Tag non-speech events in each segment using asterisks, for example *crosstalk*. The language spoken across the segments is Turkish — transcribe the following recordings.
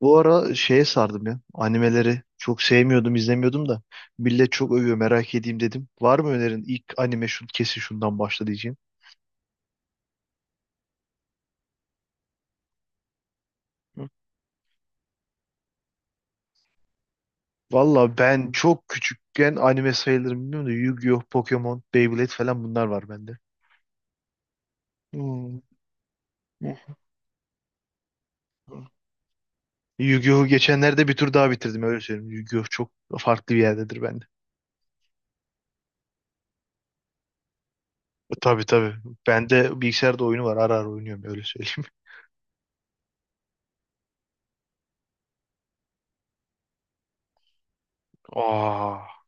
Bu ara şeye sardım ya. Animeleri çok sevmiyordum, izlemiyordum da. Millet çok övüyor, merak edeyim dedim. Var mı önerin? İlk anime şu, kesin şundan başla diyeceğim. Hı. Valla ben çok küçükken anime sayılırım bilmiyorum da Yu-Gi-Oh, Pokemon, Beyblade falan bunlar var bende. Hmm. Eh. Yu-Gi-Oh'u geçenlerde bir tur daha bitirdim öyle söyleyeyim. Yu-Gi-Oh çok farklı bir yerdedir bende. Tabii tabii. Bende bilgisayarda oyunu var. Ara ara oynuyorum öyle söyleyeyim. *laughs* Aa.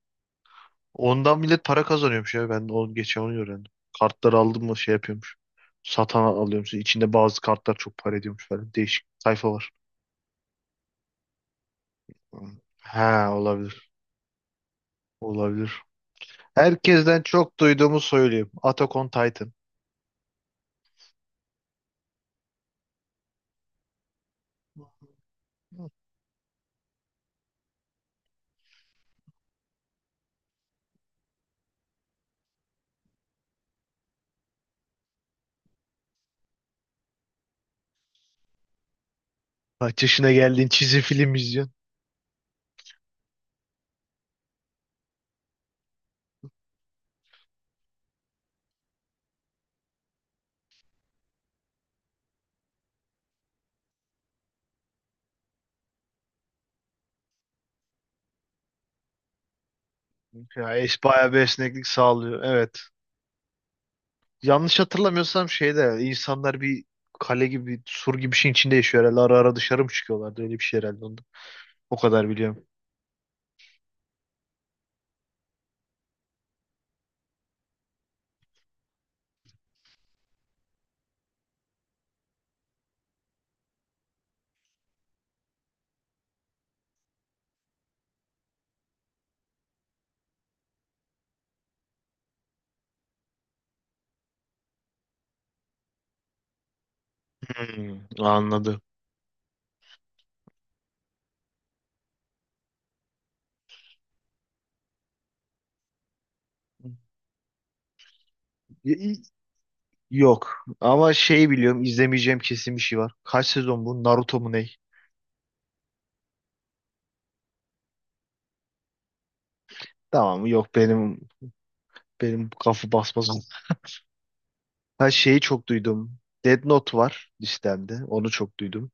Ondan millet para kazanıyormuş ya. Ben o geçen onu öğrendim. Kartları aldım mı şey yapıyormuş. Satan alıyormuş. İçinde bazı kartlar çok para ediyormuş falan. Değişik sayfa var. He olabilir. Olabilir. Herkesten çok duyduğumu söyleyeyim. Attack on Titan. Kaç yaşına geldiğin çizim film izliyorsun. Ya es bayağı bir esneklik sağlıyor. Evet. Yanlış hatırlamıyorsam şeyde insanlar bir kale gibi bir sur gibi bir şeyin içinde yaşıyor herhalde. Ara ara dışarı mı çıkıyorlardı? Öyle bir şey herhalde onda. O kadar biliyorum. Hmm, anladım. Y- Yok. Ama şey biliyorum izlemeyeceğim kesin bir şey var. Kaç sezon bu? Naruto mu ne? Tamam mı? Yok benim kafa basmaz. Ha şeyi çok duydum. Death Note var listemde. Onu çok duydum.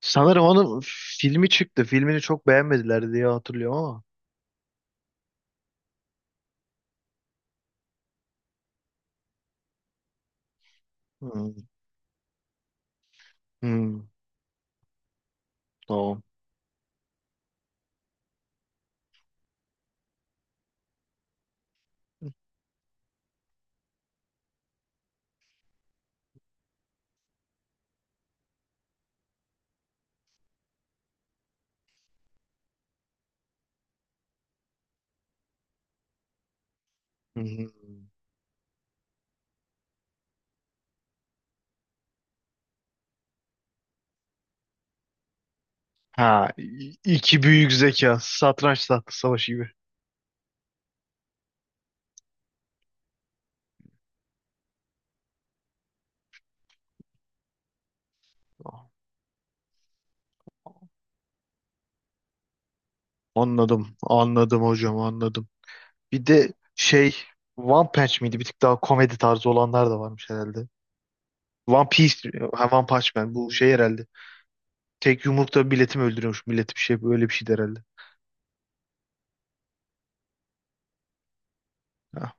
Sanırım onun filmi çıktı. Filmini çok beğenmediler diye hatırlıyorum ama. Hmm, hmm, tamam. Hmm, hmm. Ha, iki büyük zeka. Satranç tahta savaşı gibi. Anladım. Anladım hocam anladım. Bir de şey One Punch miydi? Bir tık daha komedi tarzı olanlar da varmış herhalde. One Piece, ha, One Punch Man bu şey herhalde. Tek yumrukta milleti mi öldürüyormuş? Milleti bir şey böyle bir şeydi herhalde. Ha.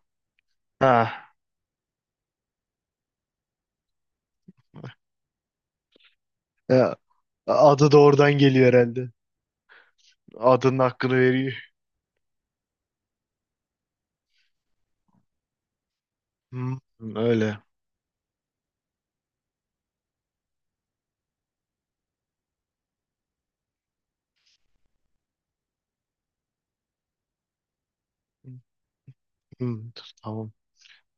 Ha. Ya, adı da oradan geliyor herhalde. Adının hakkını veriyor. Hmm, öyle. Hmm, tamam.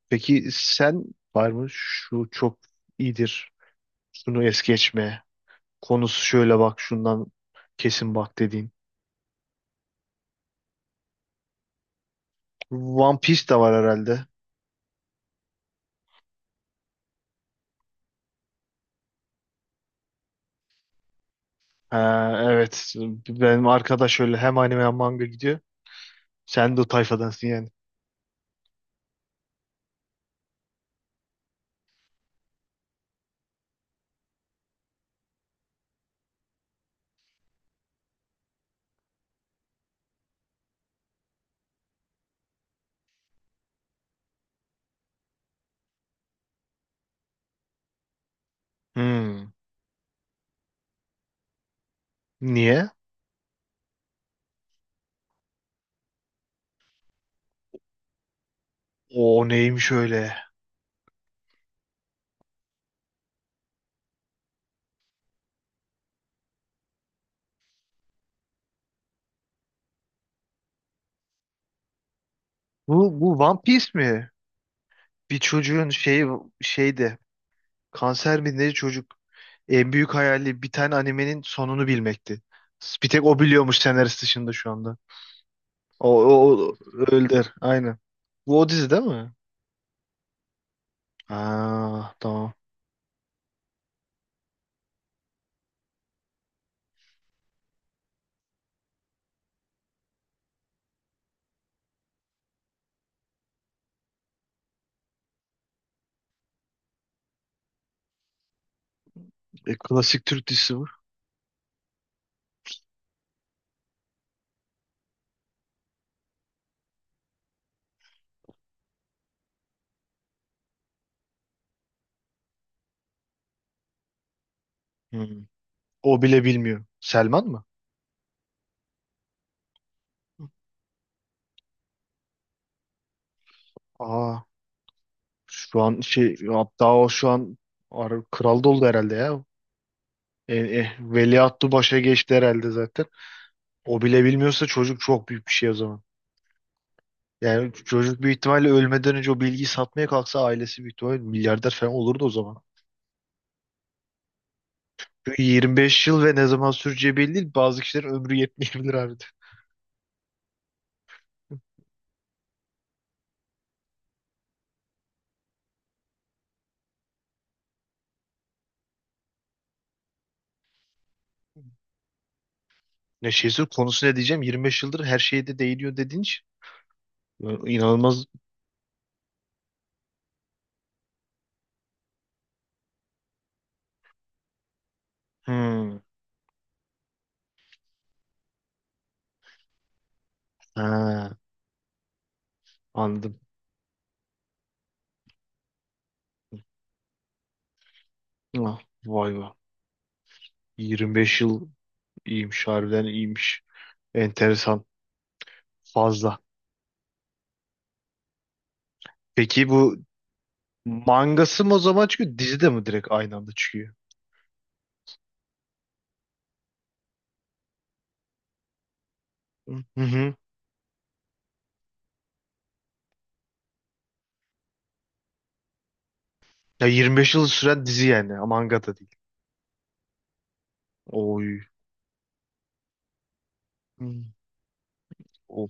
Peki sen var mı? Şu çok iyidir. Şunu es geçme. Konusu şöyle bak şundan kesin bak dediğin. One Piece de var herhalde. Ha, evet. Benim arkadaş öyle hem anime hem manga gidiyor. Sen de o tayfadansın yani. Hmm. Niye? O neymiş öyle? Bu One Piece mi? Bir çocuğun şeyi şeydi. Kanser mi ne çocuk? En büyük hayali bir tane animenin sonunu bilmekti. Bir tek o biliyormuş senarist dışında şu anda. O öldür. Aynen. Bu o dizi değil mi? Ha, tamam. E, klasik Türk dizisi bu. Hmm. O bile bilmiyor. Selman mı? Aa. Şu an şey hatta o şu an kral da oldu herhalde ya. Veliaht Baş'a geçti herhalde zaten. O bile bilmiyorsa çocuk çok büyük bir şey o zaman. Yani çocuk büyük ihtimalle ölmeden önce o bilgiyi satmaya kalksa ailesi büyük ihtimalle milyarder falan olurdu o zaman. Çünkü 25 yıl ve ne zaman süreceği belli değil. Bazı kişilerin ömrü yetmeyebilir abi de. Ne şeyse konusu ne diyeceğim 25 yıldır her şeye de değiniyor dediğin için. Ya, İnanılmaz. Hmm. Ha, anladım. Ah, vay vay. 25 yıl İyiymiş harbiden iyiymiş. Enteresan fazla. Peki bu mangası mı o zaman çıkıyor dizi de mi direkt aynı anda çıkıyor? Hı hı. Ya 25 yıl süren dizi yani ama manga da değil. Oy. Hı. O,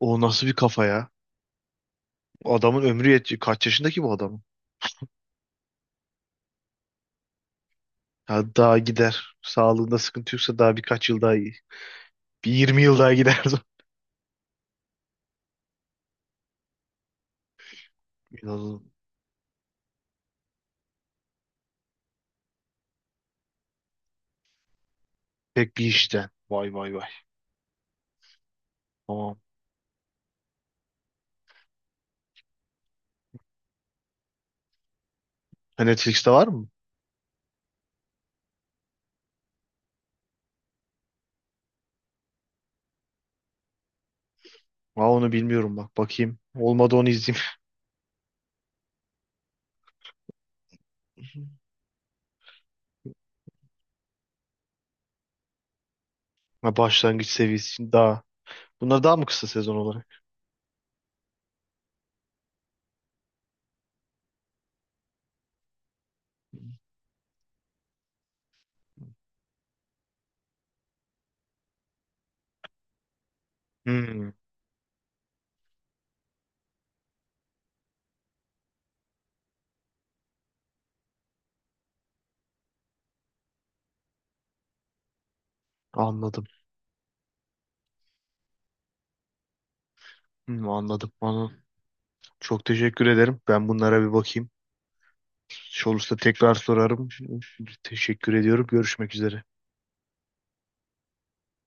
o nasıl bir kafa ya? Adamın ömrü yetiyor. Kaç yaşındaki bu adamın? Ya daha gider. Sağlığında sıkıntı yoksa daha birkaç yıl daha iyi. Bir 20 yıl daha gider. *laughs* İnanılmaz. Pek bir işten. Vay vay vay. Tamam. Ha, Netflix'te var mı? Aa, onu bilmiyorum bak. Bakayım. Olmadı onu izleyeyim. *laughs* Ha, başlangıç seviyesi için daha. Bunlar daha mı kısa sezon olarak? Hmm, anladım. Hmm, anladım. Anladım. Çok teşekkür ederim. Ben bunlara bir bakayım. Olursa tekrar sorarım. Teşekkür ediyorum. Görüşmek üzere.